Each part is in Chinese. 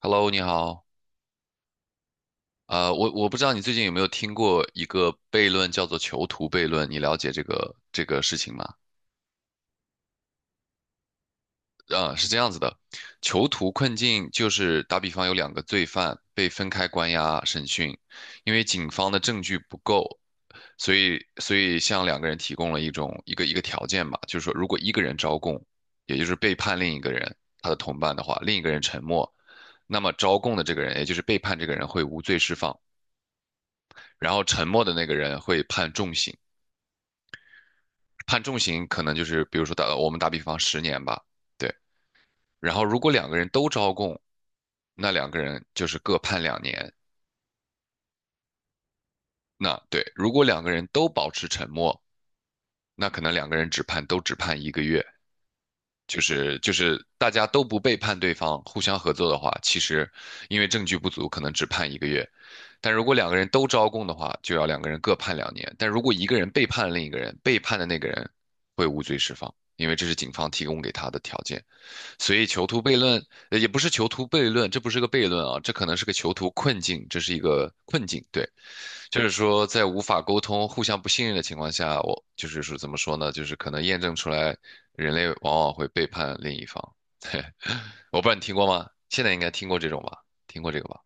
Hello，你好。我不知道你最近有没有听过一个悖论，叫做囚徒悖论，你了解这个事情吗？是这样子的，囚徒困境就是打比方有两个罪犯被分开关押审讯，因为警方的证据不够，所以向两个人提供了一个条件吧，就是说如果一个人招供，也就是背叛另一个人他的同伴的话，另一个人沉默，那么招供的这个人，也就是背叛这个人会无罪释放。然后沉默的那个人会判重刑，判重刑可能就是比如说我们打比方十年吧，对。然后如果两个人都招供，那两个人就是各判两年。那对，如果两个人都保持沉默，那可能两个人只判都只判一个月。就是大家都不背叛对方，互相合作的话，其实因为证据不足，可能只判一个月。但如果两个人都招供的话，就要两个人各判两年。但如果一个人背叛另一个人，背叛的那个人会无罪释放，因为这是警方提供给他的条件。所以囚徒悖论，也不是囚徒悖论，这不是个悖论啊，这可能是个囚徒困境，这是一个困境。对，就是说在无法沟通、互相不信任的情况下，我就是说怎么说呢？就是可能验证出来，人类往往会背叛另一方。对，我不知道你听过吗？现在应该听过这种吧？听过这个吧？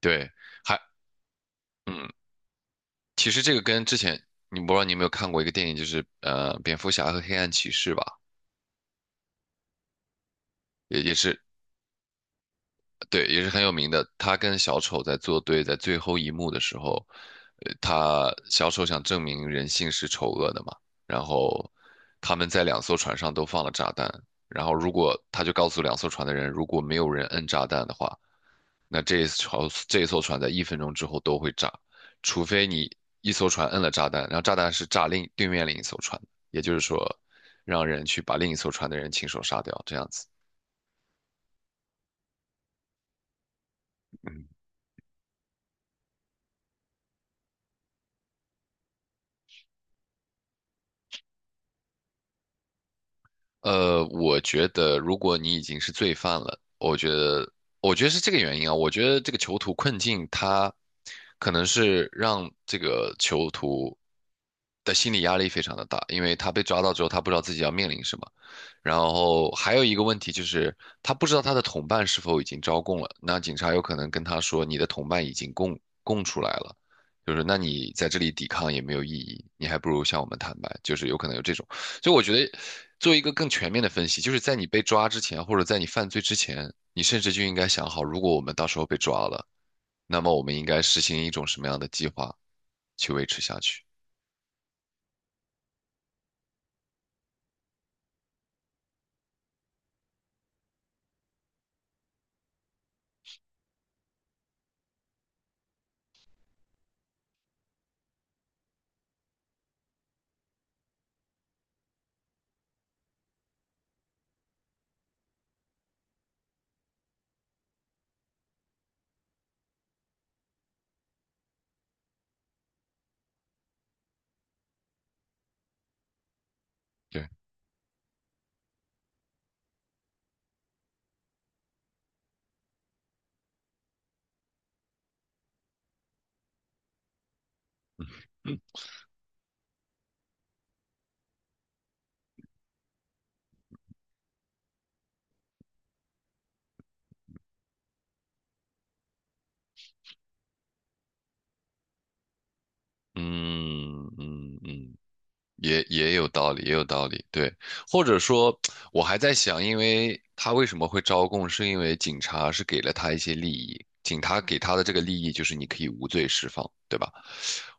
对，还嗯，其实这个跟之前你不知道你有没有看过一个电影，就是蝙蝠侠和黑暗骑士吧，也也是对，也是很有名的。他跟小丑在作对，在最后一幕的时候，他小丑想证明人性是丑恶的嘛，然后他们在两艘船上都放了炸弹，然后如果他就告诉两艘船的人，如果没有人摁炸弹的话，那这一艘船在1分钟之后都会炸，除非你一艘船摁了炸弹，然后炸弹是炸对面另一艘船，也就是说，让人去把另一艘船的人亲手杀掉，这样子。嗯。我觉得如果你已经是罪犯了，我觉得是这个原因啊。我觉得这个囚徒困境，他可能是让这个囚徒的心理压力非常的大，因为他被抓到之后，他不知道自己要面临什么。然后还有一个问题就是，他不知道他的同伴是否已经招供了。那警察有可能跟他说，你的同伴已经供出来了，就是那你在这里抵抗也没有意义，你还不如向我们坦白，就是有可能有这种。所以我觉得做一个更全面的分析，就是在你被抓之前，或者在你犯罪之前，你甚至就应该想好，如果我们到时候被抓了，那么我们应该实行一种什么样的计划去维持下去？对，嗯嗯嗯嗯。也有道理，也有道理，对，或者说，我还在想，因为他为什么会招供，是因为警察是给了他一些利益，警察给他的这个利益就是你可以无罪释放，对吧？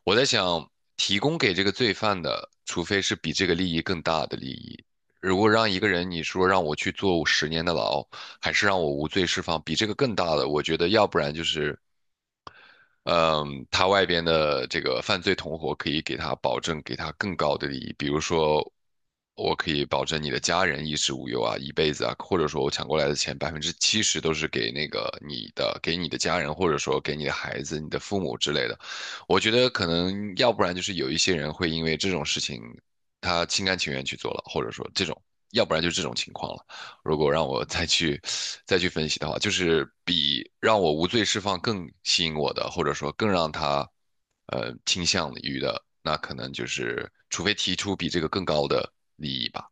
我在想，提供给这个罪犯的，除非是比这个利益更大的利益，如果让一个人你说让我去坐十年的牢，还是让我无罪释放，比这个更大的，我觉得要不然就是嗯，他外边的这个犯罪同伙可以给他保证，给他更高的利益，比如说，我可以保证你的家人衣食无忧啊，一辈子啊，或者说我抢过来的钱70%都是给那个你的，给你的家人，或者说给你的孩子、你的父母之类的。我觉得可能要不然就是有一些人会因为这种事情，他心甘情愿去做了，或者说这种，要不然就是这种情况了。如果让我再去分析的话，就是比让我无罪释放更吸引我的，或者说更让他倾向于的，那可能就是除非提出比这个更高的利益吧。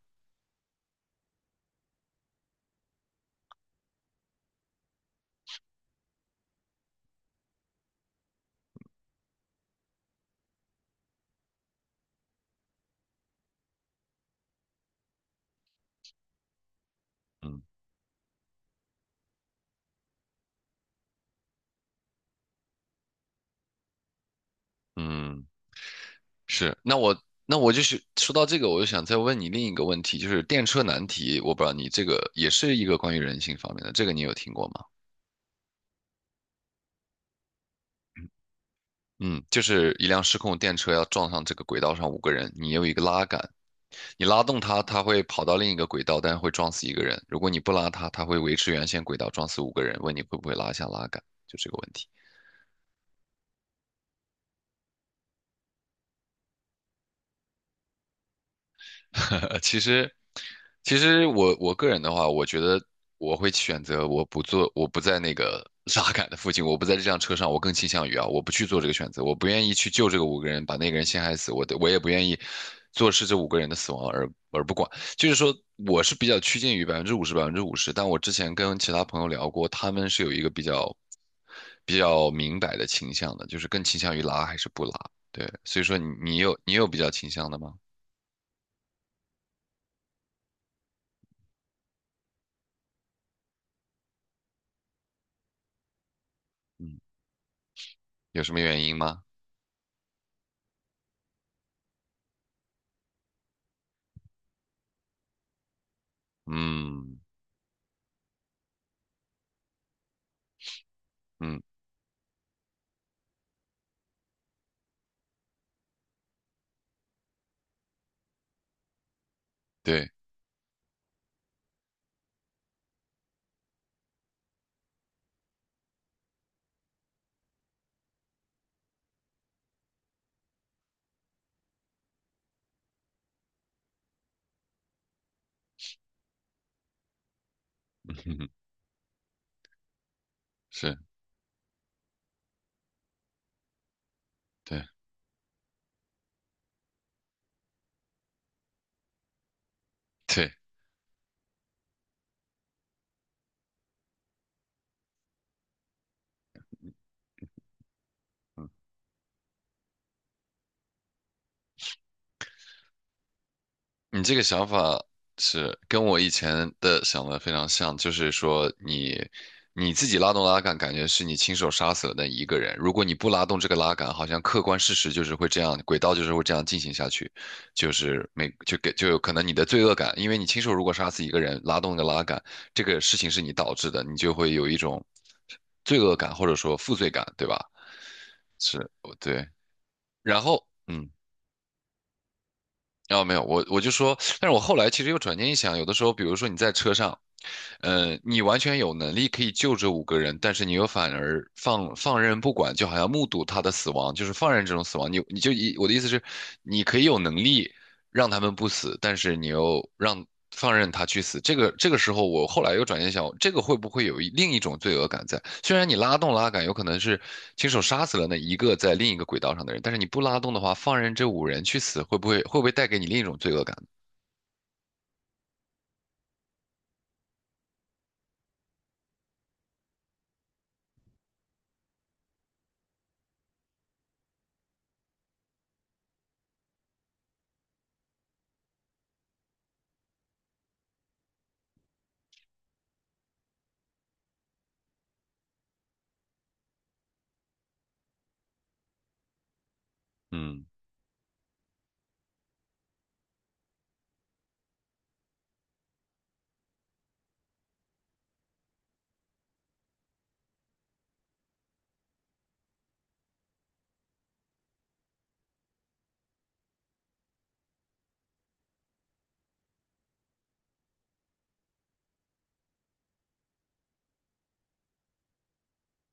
嗯嗯，是。那我就是说到这个，我就想再问你另一个问题，就是电车难题，我不知道你这个也是一个关于人性方面的，这个你有听过吗？嗯，就是一辆失控电车要撞上这个轨道上五个人，你有一个拉杆，你拉动它，它会跑到另一个轨道，但是会撞死一个人；如果你不拉它，它会维持原先轨道，撞死五个人。问你会不会拉下拉杆，就这个问题。呃，其实，其实我个人的话，我觉得我会选择我不做，我不在那个 拉杆的附近，我不在这辆车上，我更倾向于啊，我不去做这个选择，我不愿意去救这个五个人，把那个人陷害死，我也不愿意坐视这五个人的死亡而不管。就是说，我是比较趋近于百分之五十百分之五十，但我之前跟其他朋友聊过，他们是有一个比较明白的倾向的，就是更倾向于拉还是不拉。对，所以说你有比较倾向的吗？嗯，有什么原因吗？嗯嗯，对，是，对对，嗯，你这个想法是跟我以前的想的非常像，就是说你自己拉动拉杆，感觉是你亲手杀死了那一个人。如果你不拉动这个拉杆，好像客观事实就是会这样，轨道就是会这样进行下去，就是每就给就有可能你的罪恶感，因为你亲手如果杀死一个人，拉动的个拉杆，这个事情是你导致的，你就会有一种罪恶感或者说负罪感，对吧？是，对。然后，然后没有，我就说，但是我后来其实又转念一想，有的时候，比如说你在车上，你完全有能力可以救这五个人，但是你又反而放任不管，就好像目睹他的死亡，就是放任这种死亡。你你就一我的意思是，你可以有能力让他们不死，但是你又放任他去死，这个时候，我后来又转念想，这个会不会有另一种罪恶感在？虽然你拉动拉杆，有可能是亲手杀死了那一个在另一个轨道上的人，但是你不拉动的话，放任这五人去死，会不会带给你另一种罪恶感？嗯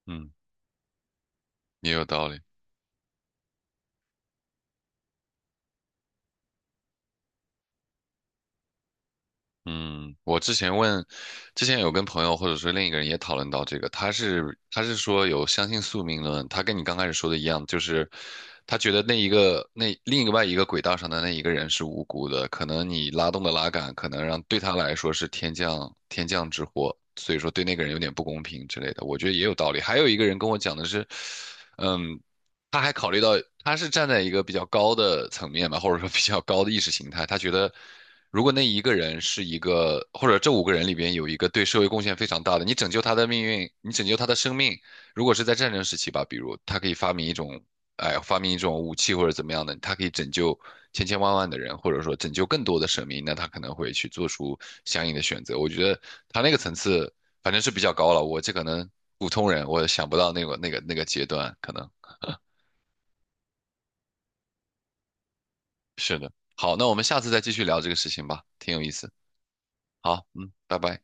嗯，也有道理。嗯，我之前问，之前有跟朋友或者说另一个人也讨论到这个，他是说有相信宿命论，他跟你刚开始说的一样，就是他觉得那一个那另一外一个轨道上的那一个人是无辜的，可能你拉动的拉杆可能让对他来说是天降之祸，所以说对那个人有点不公平之类的，我觉得也有道理。还有一个人跟我讲的是，嗯，他还考虑到他是站在一个比较高的层面吧，或者说比较高的意识形态，他觉得。如果那一个人是一个，或者这五个人里边有一个对社会贡献非常大的，你拯救他的命运，你拯救他的生命。如果是在战争时期吧，比如他可以发明一种，哎，发明一种武器或者怎么样的，他可以拯救千千万万的人，或者说拯救更多的生命，那他可能会去做出相应的选择。我觉得他那个层次反正是比较高了，我这可能普通人我想不到那个阶段，可能是的。好，那我们下次再继续聊这个事情吧，挺有意思。好，嗯，拜拜。